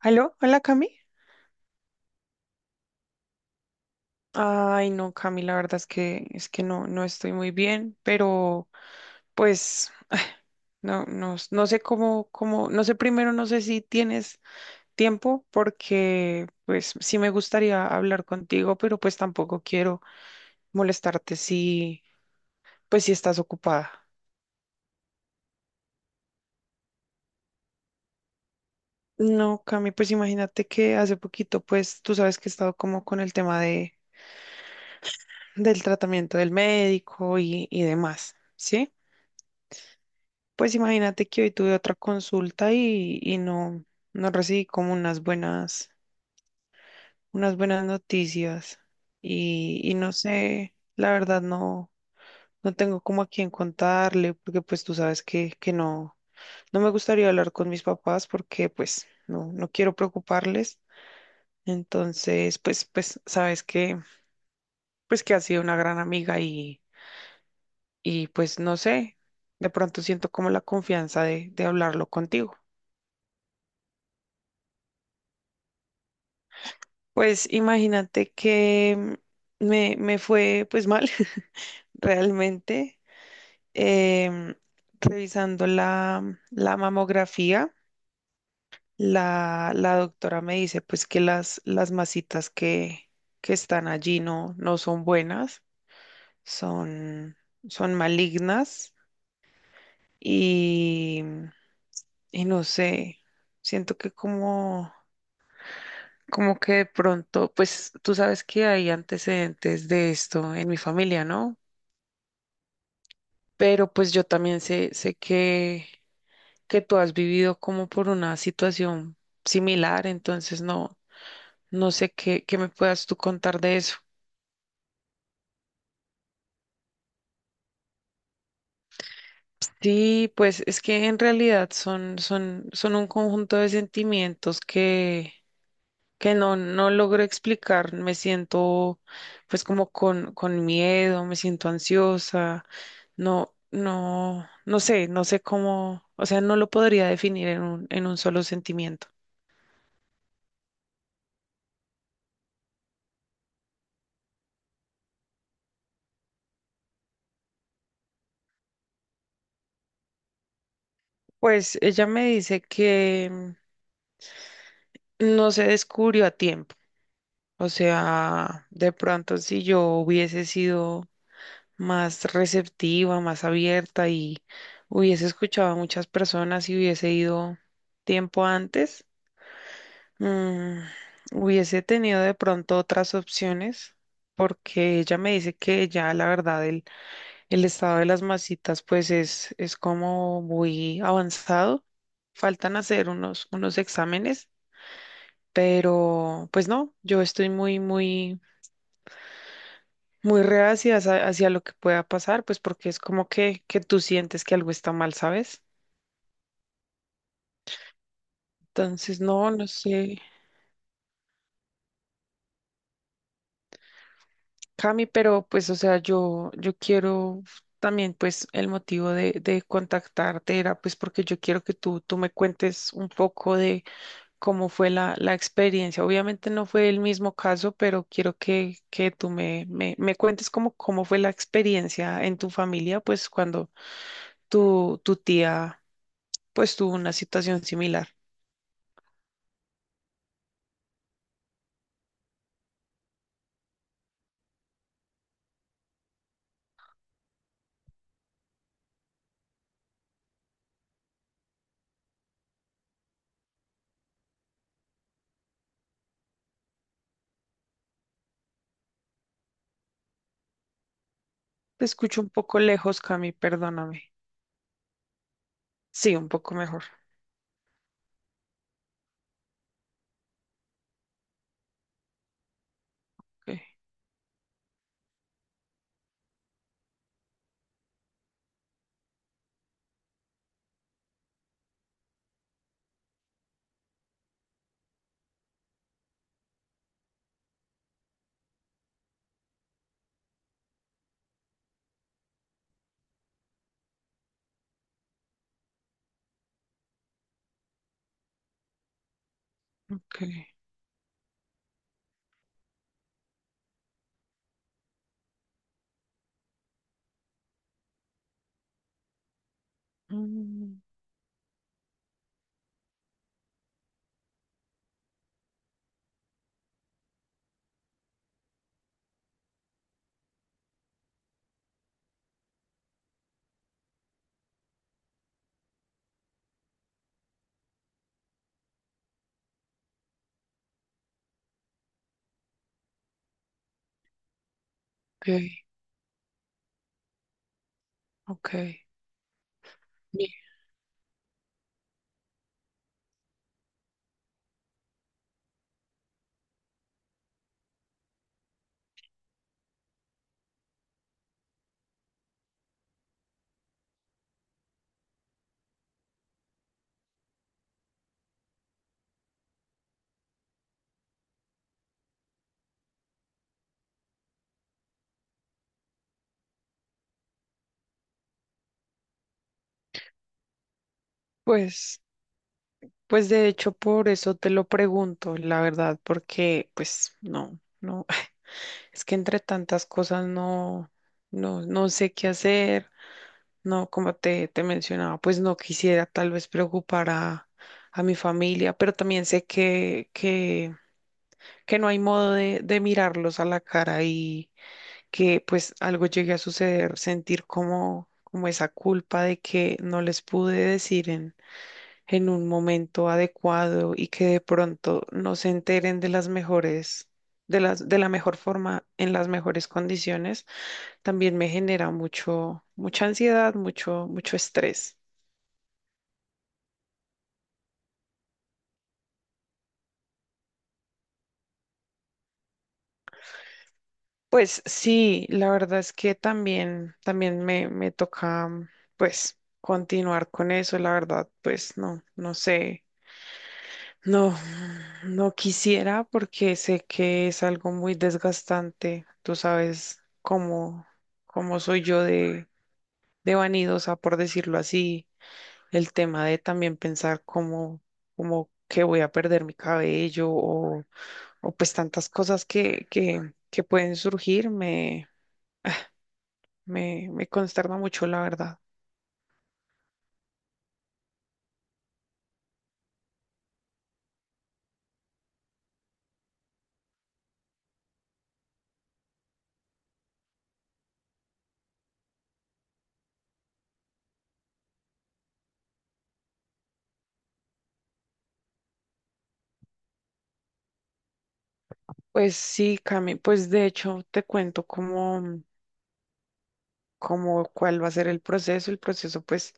¿Aló? ¿Hola, Cami? Ay, no, Cami, la verdad es que no estoy muy bien, pero pues no sé cómo, cómo, no sé primero, no sé si tienes tiempo, porque pues sí me gustaría hablar contigo, pero pues tampoco quiero molestarte si, pues si estás ocupada. No, Cami, pues imagínate que hace poquito, pues tú sabes que he estado como con el tema del tratamiento del médico y demás, ¿sí? Pues imagínate que hoy tuve otra consulta y, no recibí como unas buenas noticias. Y no sé, la verdad no, no tengo como a quién contarle, porque pues tú sabes que, no me gustaría hablar con mis papás porque pues no, no quiero preocuparles. Entonces, pues, pues sabes que, pues que ha sido una gran amiga y pues no sé, de pronto siento como la confianza de hablarlo contigo. Pues imagínate que me fue pues mal realmente em, revisando la mamografía. La doctora me dice pues que las masitas que están allí no, no son buenas, son, son malignas y, y no sé, siento que como, como que de pronto, pues tú sabes que hay antecedentes de esto en mi familia, ¿no? Pero pues yo también sé, sé que tú has vivido como por una situación similar, entonces no, no sé qué, qué me puedas tú contar de eso. Sí, pues es que en realidad son, son un conjunto de sentimientos que, no logro explicar. Me siento pues como con miedo, me siento ansiosa, no sé, no sé cómo, o sea, no lo podría definir en un solo sentimiento. Pues ella me dice que no se descubrió a tiempo. O sea, de pronto si yo hubiese sido más receptiva, más abierta y hubiese escuchado a muchas personas y hubiese ido tiempo antes, mm, hubiese tenido de pronto otras opciones. Porque ella me dice que ya la verdad el estado de las masitas pues es como muy avanzado. Faltan hacer unos, unos exámenes pero pues no, yo estoy muy, muy, muy reacia hacia, hacia lo que pueda pasar, pues porque es como que tú sientes que algo está mal, ¿sabes? Entonces, no, no sé, Cami, pero pues, o sea, yo quiero también, pues, el motivo de contactarte era, pues, porque yo quiero que tú me cuentes un poco de cómo fue la experiencia. Obviamente no fue el mismo caso, pero quiero que tú me cuentes cómo, cómo fue la experiencia en tu familia, pues, cuando tu tía, pues tuvo una situación similar. Te escucho un poco lejos, Cami, perdóname. Sí, un poco mejor. Ok, ok. Mm, ok, ok. Bien. Pues, pues de hecho, por eso te lo pregunto, la verdad, porque pues no, no, es que entre tantas cosas no sé qué hacer. No, como te mencionaba, pues no quisiera tal vez preocupar a mi familia, pero también sé que, que no hay modo de mirarlos a la cara y que pues algo llegue a suceder, sentir como, como esa culpa de que no les pude decir en un momento adecuado y que de pronto no se enteren de las mejores, de la mejor forma, en las mejores condiciones, también me genera mucho, mucha ansiedad, mucho, mucho estrés. Pues sí, la verdad es que también, también me toca, pues, continuar con eso, la verdad, pues no, no sé, no, no quisiera porque sé que es algo muy desgastante, tú sabes cómo, cómo soy yo de vanidosa, por decirlo así, el tema de también pensar cómo, cómo que voy a perder mi cabello o pues tantas cosas que pueden surgir, me consterna mucho, la verdad. Pues sí, Cami, pues de hecho te cuento cómo, cómo cuál va a ser el proceso. El proceso, pues,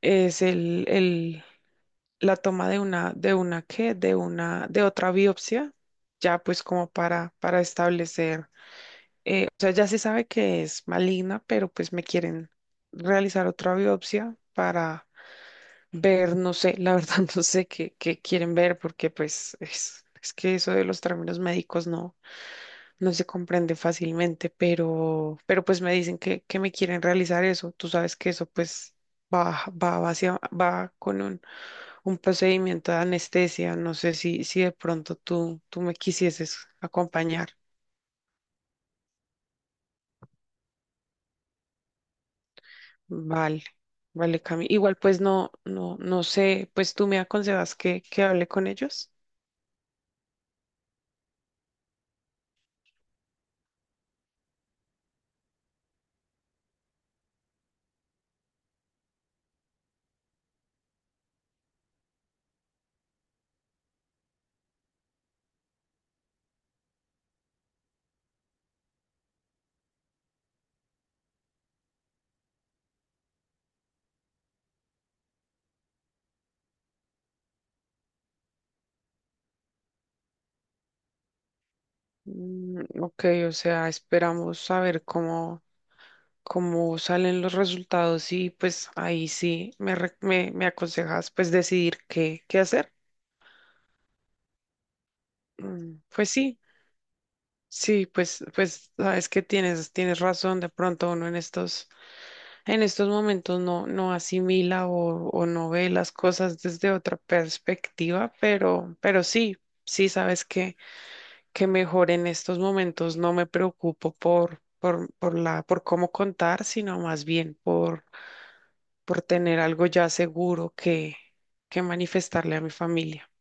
es el, la toma de una, de una, de otra biopsia, ya pues como para establecer, o sea, ya se sabe que es maligna, pero pues me quieren realizar otra biopsia para ver, no sé, la verdad no sé qué, qué quieren ver, porque pues es que eso de los términos médicos no. No se comprende fácilmente, pero pues me dicen que me quieren realizar eso. Tú sabes que eso pues va, va hacia, va con un procedimiento de anestesia. No sé si, si de pronto tú, tú me quisieses acompañar. Vale, vale, Cami. Igual pues no, no sé, pues tú me aconsejas que hable con ellos. Mm, ok, o sea, esperamos saber cómo, cómo salen los resultados y pues ahí sí me, me, me aconsejas pues decidir qué, qué hacer. Mm, pues sí, sí, pues, pues sabes que tienes, tienes razón, de pronto uno en estos momentos no, no asimila o no ve las cosas desde otra perspectiva, pero sí, sí sabes que mejor en estos momentos no me preocupo por, por cómo contar, sino más bien por tener algo ya seguro que manifestarle a mi familia.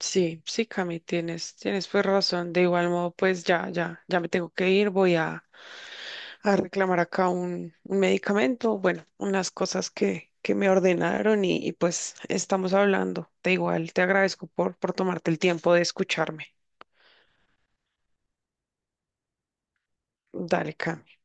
Sí, sí, Cami, tienes, tienes pues razón. De igual modo, pues ya, ya me tengo que ir. Voy a reclamar acá un medicamento, bueno, unas cosas que me ordenaron y, pues estamos hablando. De igual, te agradezco por tomarte el tiempo de escucharme. Dale, Cami.